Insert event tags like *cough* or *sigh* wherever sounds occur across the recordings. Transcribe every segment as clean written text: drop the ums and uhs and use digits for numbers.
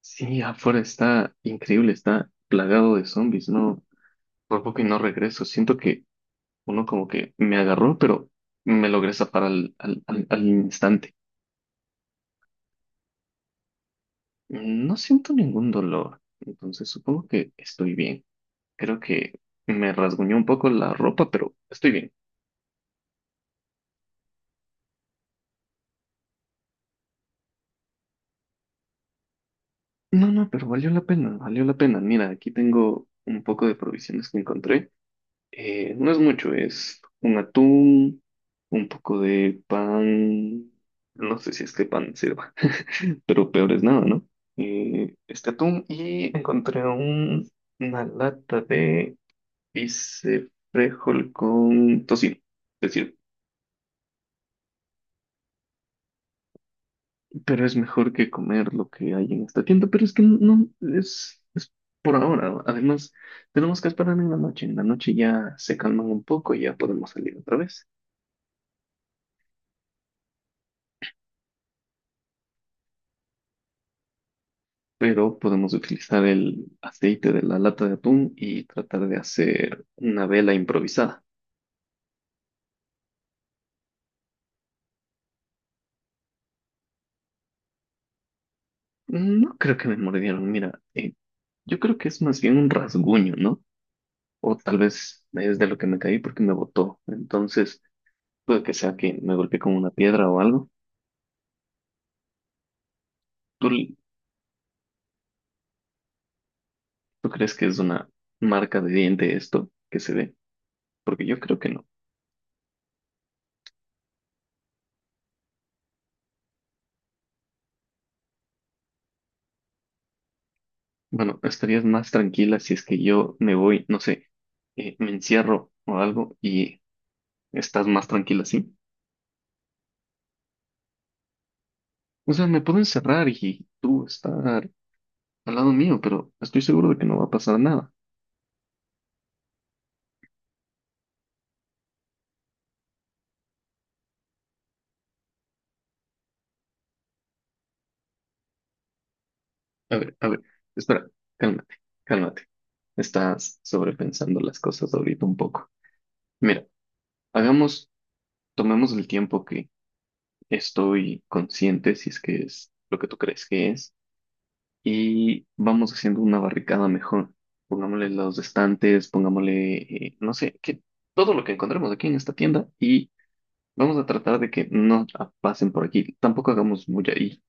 Sí, afuera está increíble, está plagado de zombies, no, por poco y no regreso. Siento que uno como que me agarró, pero me logré zafar al instante. No siento ningún dolor, entonces supongo que estoy bien. Creo que me rasguñó un poco la ropa, pero estoy bien. No, no, pero valió la pena, valió la pena. Mira, aquí tengo un poco de provisiones que encontré. No es mucho, es un atún, un poco de pan, no sé si este pan sirva, *laughs* pero peor es nada, ¿no? Este atún y una lata de bice frijol con tocino, es decir, pero es mejor que comer lo que hay en esta tienda, pero es por ahora, ¿no? Además tenemos que esperar en la noche ya se calman un poco y ya podemos salir otra vez. Pero podemos utilizar el aceite de la lata de atún y tratar de hacer una vela improvisada. No creo que me mordieron, mira, yo creo que es más bien un rasguño, ¿no? O tal vez es de lo que me caí porque me botó. Entonces, puede que sea que me golpeé con una piedra o algo. ¿Tú, ¿Tú crees que es una marca de diente esto que se ve? Porque yo creo que no. Bueno, estarías más tranquila si es que yo me voy, no sé, me encierro o algo y estás más tranquila, ¿sí? O sea, me puedo encerrar y tú estar al lado mío, pero estoy seguro de que no va a pasar nada. A ver, espera, cálmate, cálmate. Estás sobrepensando las cosas ahorita un poco. Mira, hagamos, tomemos el tiempo que estoy consciente, si es que es lo que tú crees que es, y vamos haciendo una barricada mejor. Pongámosle los estantes, pongámosle, no sé, que todo lo que encontremos aquí en esta tienda y vamos a tratar de que no pasen por aquí. Tampoco hagamos mucha Y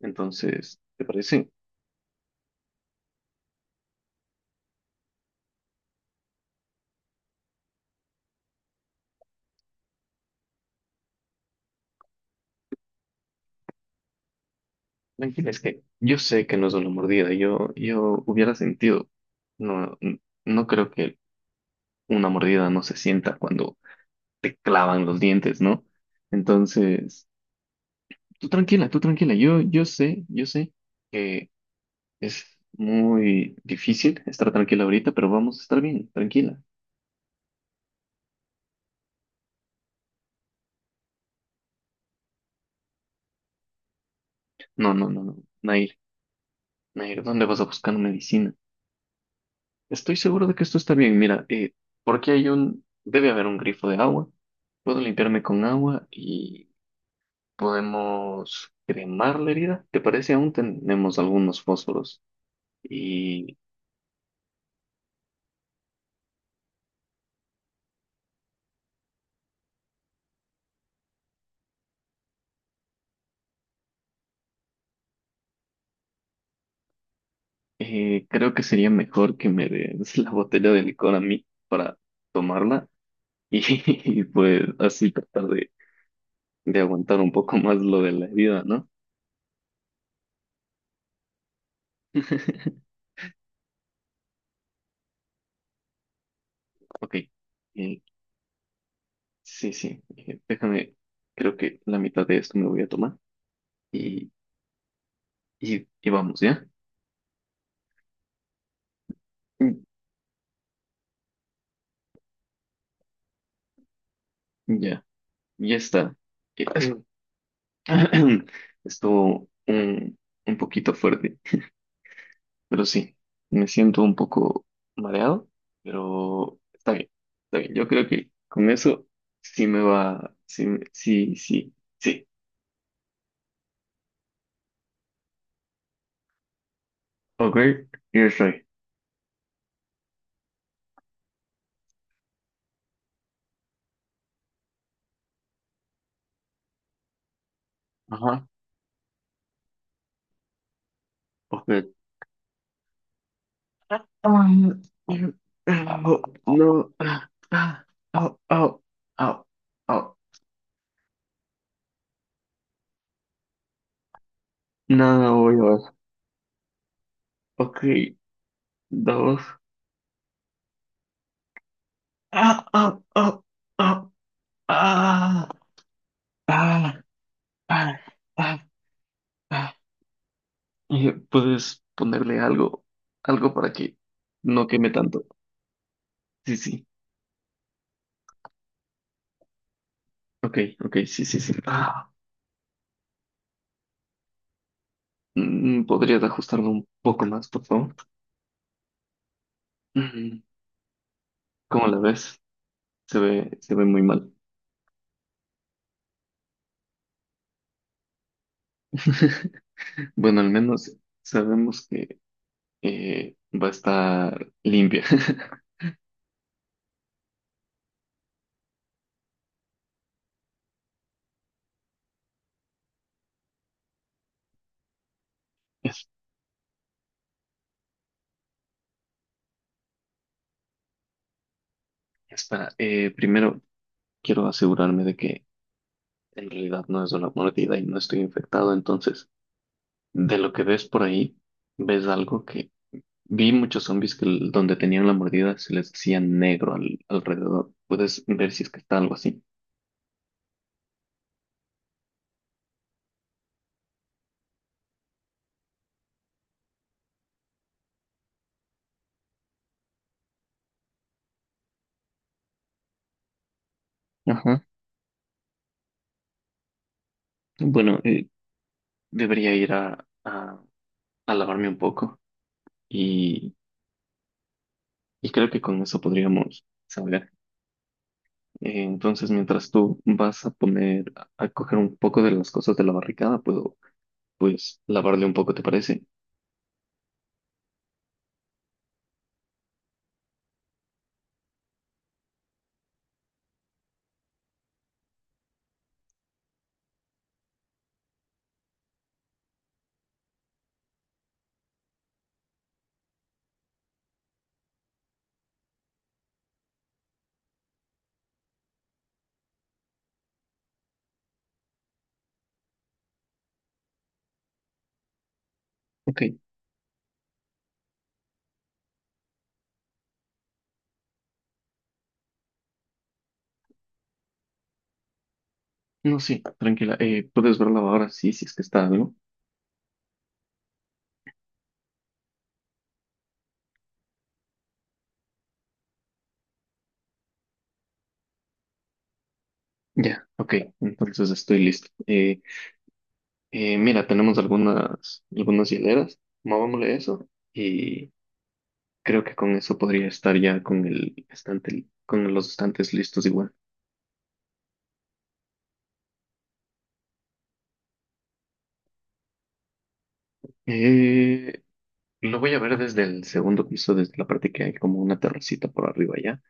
Entonces, ¿te parece? Tranquila, es que yo sé que no es una mordida, yo hubiera sentido. No creo que una mordida no se sienta cuando te clavan los dientes, ¿no? Entonces, tú tranquila, yo sé que es muy difícil estar tranquila ahorita, pero vamos a estar bien, tranquila. No, no, no, no, Nair, Nair, ¿dónde vas a buscar medicina? Estoy seguro de que esto está bien. Mira, porque debe haber un grifo de agua. Puedo limpiarme con agua y podemos cremar la herida. ¿Te parece? Aún tenemos algunos fósforos y creo que sería mejor que me des *laughs* la botella de licor a mí para tomarla y, *laughs* pues así tratar de aguantar un poco más lo de la herida, ¿no? *laughs* Ok. eh, sí, sí. Déjame, creo que la mitad de esto me voy a tomar. Y Y, y vamos, ¿ya? Mm, ya, ya está. Eh, *clears throat* Estuvo un poquito fuerte, pero sí, me siento un poco mareado, pero está bien, está bien. Yo creo que con eso sí me va, sí, sí, sí. Ok, yo estoy. Ajá, ok. Ah, no, no, ah, ah, au, au, au, au. No, no voy a ver. Ok, dos. Ah, ah, ah, ah, ah, ah, ah, ah, ah. ¿Puedes ponerle algo, algo para que no queme tanto? Sí, sí. Ok, ok, sí, sí, sí. Ah, mm, ¿podrías ajustarlo un poco más, por favor? Mm, ¿cómo la ves? Se ve muy mal. *laughs* Bueno, al menos sabemos que va a estar limpia. *laughs* Es- Espera, primero quiero asegurarme de que en realidad no es una mordida y no estoy infectado, entonces de lo que ves por ahí, ves algo que vi muchos zombies que donde tenían la mordida se les hacía negro alrededor. Puedes ver si es que está algo así. Ajá. Bueno, debería ir a lavarme un poco y, y creo que con eso podríamos saber. Entonces, mientras tú vas a poner, a coger un poco de las cosas de la barricada, puedo pues lavarle un poco, ¿te parece? Ok. No, sí, tranquila. Puedes verla ahora, sí, si es que está, ¿no? Ya, ok. Entonces estoy listo. Mira, tenemos algunas, algunas hileras. Movámosle eso y creo que con eso podría estar ya con el estante, con los estantes listos igual. Eh, lo voy a ver desde el segundo piso, desde la parte que hay como una terracita por arriba ya.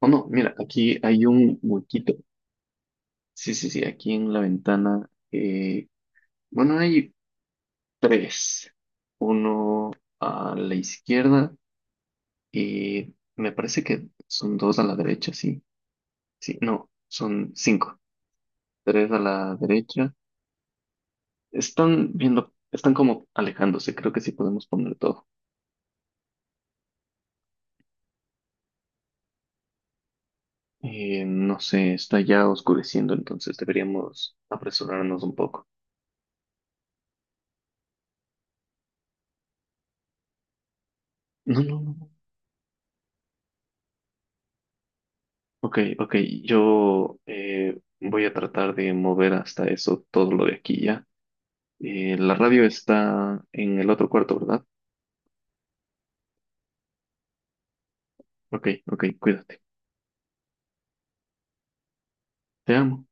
O no, mira, aquí hay un huequito. Sí, sí, sí, aquí en la ventana. Bueno, hay tres. Uno a la izquierda y me parece que son dos a la derecha, sí. Sí, no, son cinco. Tres a la derecha. Están viendo, están como alejándose, creo que sí podemos poner todo. No sé, está ya oscureciendo, entonces deberíamos apresurarnos un poco. No, no, no, no. Ok, ok, yo voy a tratar de mover hasta eso todo lo de aquí ya. La radio está en el otro cuarto, ¿verdad? Ok, ok, cuídate. Te amo.